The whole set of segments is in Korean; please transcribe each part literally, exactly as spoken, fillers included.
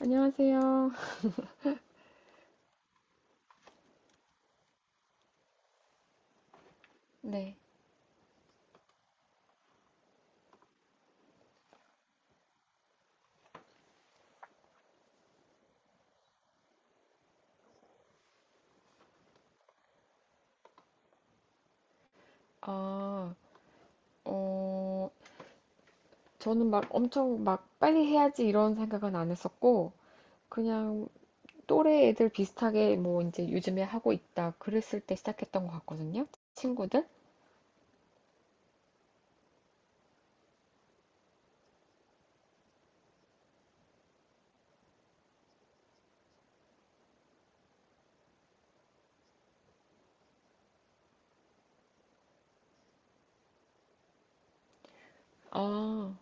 안녕하세요. 네. 아, 어, 저는 막 엄청 막 빨리 해야지 이런 생각은 안 했었고, 그냥 또래 애들 비슷하게 뭐 이제 요즘에 하고 있다 그랬을 때 시작했던 것 같거든요. 친구들? 아,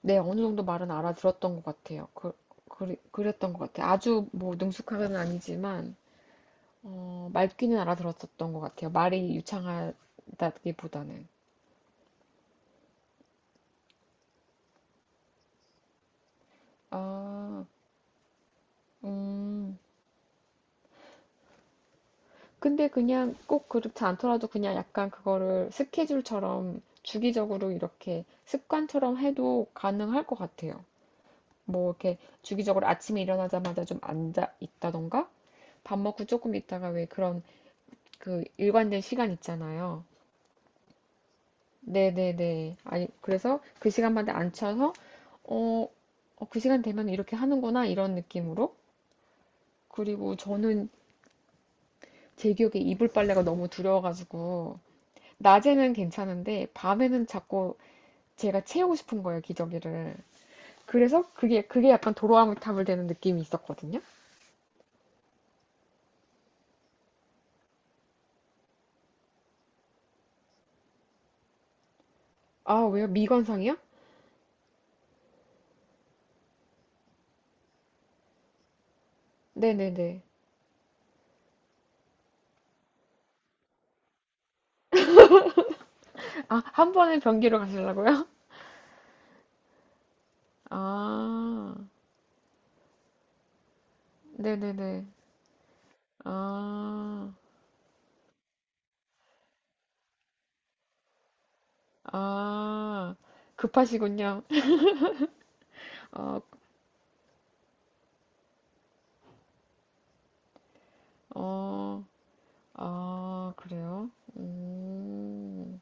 네. 어느 정도 말은 알아들었던 것 같아요. 그, 그, 그랬던 것 같아요. 아주 뭐 능숙하게는 아니지만, 어, 말귀는 알아들었었던 것 같아요. 말이 유창하다기보다는. 아, 음. 근데 그냥 꼭 그렇지 않더라도 그냥 약간 그거를 스케줄처럼 주기적으로 이렇게 습관처럼 해도 가능할 것 같아요. 뭐 이렇게 주기적으로 아침에 일어나자마자 좀 앉아 있다던가 밥 먹고 조금 있다가 왜 그런 그 일관된 시간 있잖아요. 네네네. 아니, 그래서 그 시간마다 앉혀서 어, 어, 그 시간 되면 이렇게 하는구나 이런 느낌으로. 그리고 저는 제 기억에 이불 빨래가 너무 두려워가지고 낮에는 괜찮은데 밤에는 자꾸 제가 채우고 싶은 거예요, 기저귀를. 그래서 그게 그게 약간 도로아미타불되는 느낌이 있었거든요. 아, 왜요? 미관상이요? 네네네. 아, 한 번에 변기로 가시려고요? 아, 네네네. 아, 아, 급하시군요. 어, 어, 아, 그래요? 음.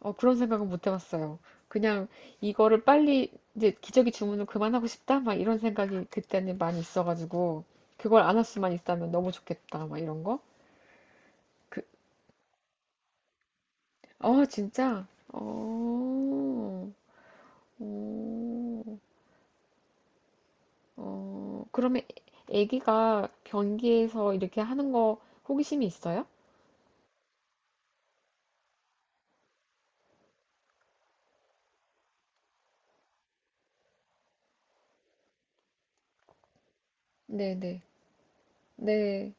어, 그런 생각은 못 해봤어요. 그냥 이거를 빨리 이제 기저귀 주문을 그만하고 싶다? 막 이런 생각이 그때는 많이 있어가지고 그걸 안 할 수만 있다면 너무 좋겠다. 막 이런 거. 그, 어, 진짜? 어, 어, 어. 그러면 애기가 변기에서 이렇게 하는 거 호기심이 있어요? 네네. 네. 네.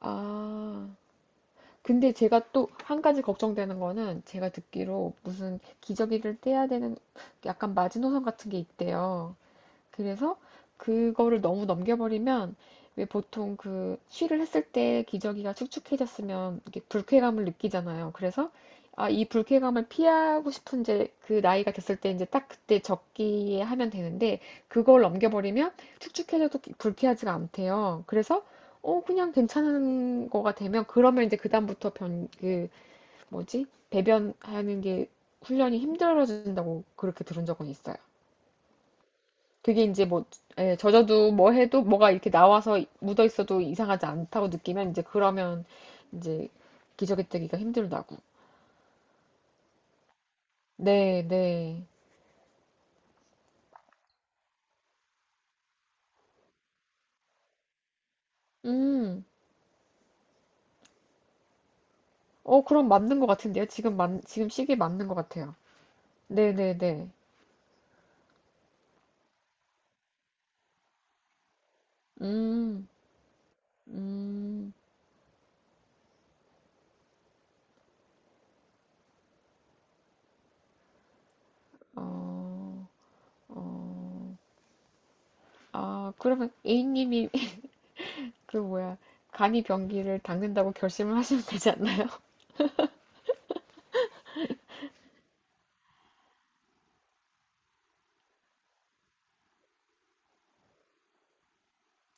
아. 근데 제가 또 한 가지 걱정되는 거는 제가 듣기로 무슨 기저귀를 떼야 되는 약간 마지노선 같은 게 있대요. 그래서 그거를 너무 넘겨버리면 왜 보통 그 쉬를 했을 때 기저귀가 축축해졌으면 이렇게 불쾌감을 느끼잖아요. 그래서 아, 이 불쾌감을 피하고 싶은 이제 그 나이가 됐을 때 이제 딱 그때 적기에 하면 되는데 그걸 넘겨버리면 축축해져도 불쾌하지가 않대요. 그래서 어 그냥 괜찮은 거가 되면 그러면 이제 그다음부터 변 그 뭐지 배변하는 게 훈련이 힘들어진다고 그렇게 들은 적은 있어요. 그게 이제 뭐 예, 젖어도 뭐 해도 뭐가 이렇게 나와서 묻어 있어도 이상하지 않다고 느끼면 이제 그러면 이제 기저귀 떼기가 힘들다고. 네, 네. 음. 어, 그럼 맞는 것 같은데요. 지금 맞 지금 시기에 맞는 것 같아요. 네, 네, 네. 음. 음. 어. 어. 아, 그러면 A님이 그 뭐야 간이 병기를 닦는다고 결심을 하시면 되지 않나요?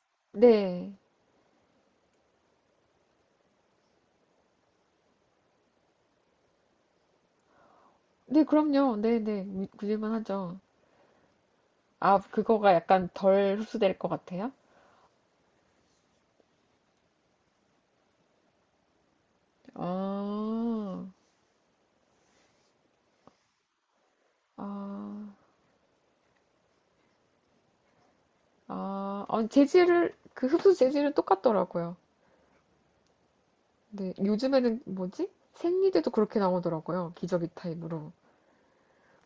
네. 네, 그럼요. 네, 네. 그- 그럴만 하죠. 아, 그거가 약간 덜 흡수될 것 같아요? 아, 아, 아, 아니, 재질을, 그 흡수 재질은 똑같더라고요. 근데 요즘에는 뭐지? 생리대도 그렇게 나오더라고요. 기저귀 타입으로.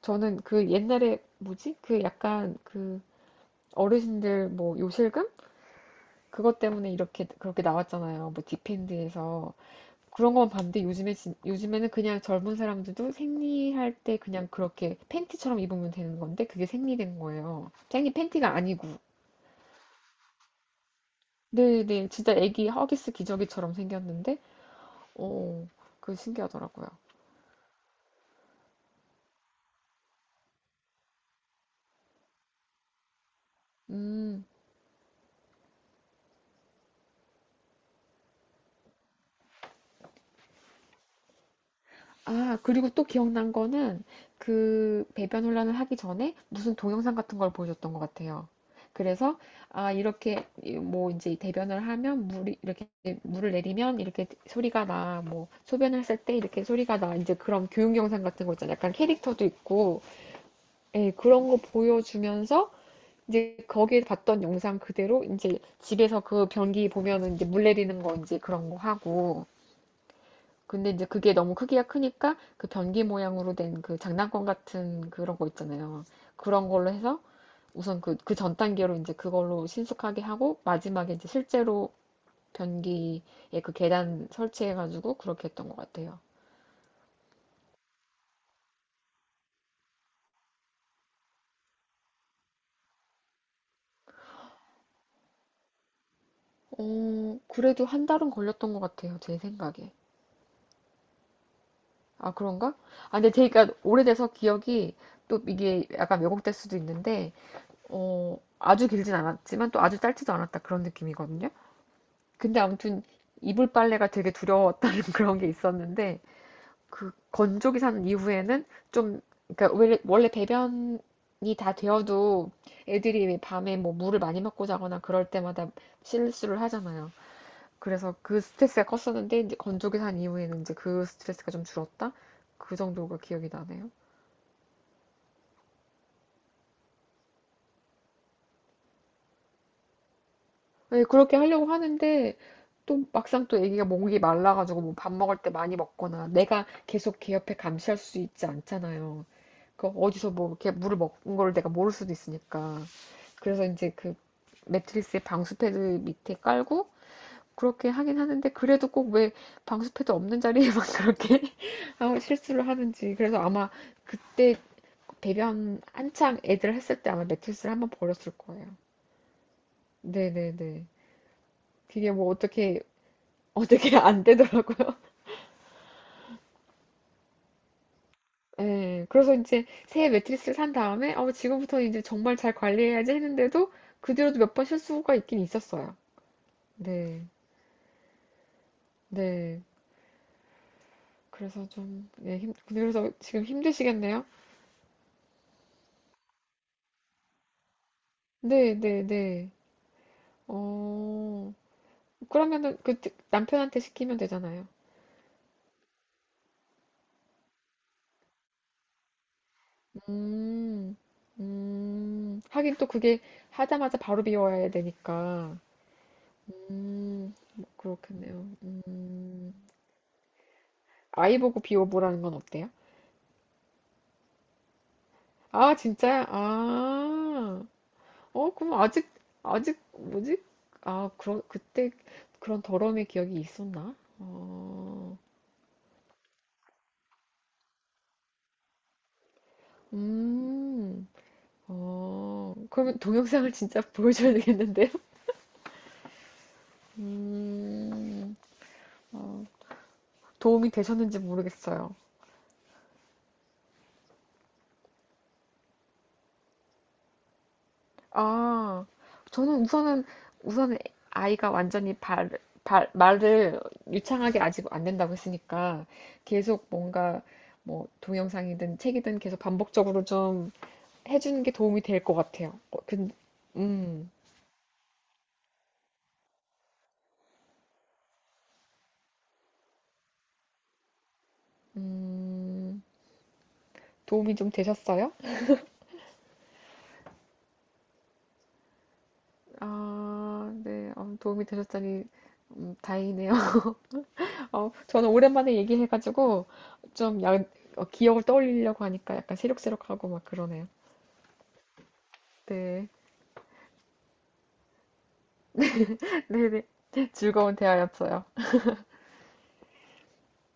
저는 그 옛날에 뭐지? 그 약간 그 어르신들 뭐 요실금? 그것 때문에 이렇게, 그렇게 나왔잖아요. 뭐 디펜드에서. 그런 건 봤는데 요즘에 진- 요즘에는 그냥 젊은 사람들도 생리할 때 그냥 그렇게 팬티처럼 입으면 되는 건데 그게 생리된 거예요. 생리 팬티가 아니고. 네네, 진짜 애기 허기스 기저귀처럼 생겼는데, 어, 그게 신기하더라고요. 음. 아, 그리고 또 기억난 거는 그 배변 혼란을 하기 전에 무슨 동영상 같은 걸 보여줬던 것 같아요. 그래서 아, 이렇게 뭐 이제 대변을 하면 물이 이렇게 물을 내리면 이렇게 소리가 나. 뭐 소변을 했을 때 이렇게 소리가 나. 이제 그런 교육 영상 같은 거 있잖아요. 약간 캐릭터도 있고. 예, 그런 거 보여주면서 이제 거기에 봤던 영상 그대로 이제 집에서 그 변기 보면은 이제 물 내리는 거 이제 그런 거 하고 근데 이제 그게 너무 크기가 크니까 그 변기 모양으로 된 그 장난감 같은 그런 거 있잖아요. 그런 걸로 해서 우선 그, 그 전 단계로 이제 그걸로 신속하게 하고 마지막에 이제 실제로 변기에 그 계단 설치해가지고 그렇게 했던 것 같아요. 어, 그래도 한 달은 걸렸던 것 같아요. 제 생각에. 아, 그런가? 아, 근데 제가 오래돼서 기억이 또 이게 약간 왜곡될 수도 있는데, 어, 아주 길진 않았지만 또 아주 짧지도 않았다 그런 느낌이거든요. 근데 아무튼 이불 빨래가 되게 두려웠다는 그런 게 있었는데 그 건조기 산 이후에는 좀 그러니까 원래, 원래 배변이 다 되어도 애들이 왜 밤에 뭐 물을 많이 먹고 자거나 그럴 때마다 실수를 하잖아요. 그래서 그 스트레스가 컸었는데 이제 건조기 산 이후에는 이제 그 스트레스가 좀 줄었다? 그 정도가 기억이 나네요. 네, 그렇게 하려고 하는데 또 막상 또 애기가 목이 말라가지고 뭐 밥 먹을 때 많이 먹거나 내가 계속 걔 옆에 감시할 수 있지 않잖아요. 그 어디서 뭐 이렇게 물을 먹은 걸 내가 모를 수도 있으니까. 그래서 이제 그 매트리스에 방수 패드 밑에 깔고 그렇게 하긴 하는데 그래도 꼭 왜 방수 패드 없는 자리에만 그렇게 아무 실수를 하는지. 그래서 아마 그때 배변 한창 애들 했을 때 아마 매트리스를 한번 버렸을 거예요. 네네네. 그게 뭐 어떻게 어떻게 안 되더라고요. 예. 그래서 이제 새 매트리스를 산 다음에 어 지금부터 이제 정말 잘 관리해야지 했는데도 그 뒤로도 몇 번 실수가 있긴 있었어요. 네, 네. 그래서 좀, 네, 힘, 근데 그래서 지금 힘드시겠네요? 네, 네, 네. 어, 그러면은 그 드- 남편한테 시키면 되잖아요. 음, 음. 하긴 또 그게 하자마자 바로 비워야 되니까. 음, 뭐 그렇겠네요. 음. 아이 보고 비워보라는 건 어때요? 아, 진짜요? 아. 어, 그럼 아직, 아직, 뭐지? 아, 그런, 그때 그런 더러움의 기억이 있었나? 어, 음, 어, 그러면 동영상을 진짜 보여줘야 되겠는데요? 음, 어, 도움이 되셨는지 모르겠어요. 아, 저는 우선은, 우선은 아이가 완전히 발, 발, 말을 유창하게 아직 안 된다고 했으니까 계속 뭔가 뭐 동영상이든 책이든 계속 반복적으로 좀 해주는 게 도움이 될 것 같아요. 어, 근, 음, 음, 도움이 좀 되셨어요? 아, 네, 어, 도움이 되셨다니 음, 다행이네요. 어, 저는 오랜만에 얘기해가지고 좀 야, 어, 기억을 떠올리려고 하니까 약간 새록새록하고 막 그러네요. 네, 네네, 즐거운 대화였어요.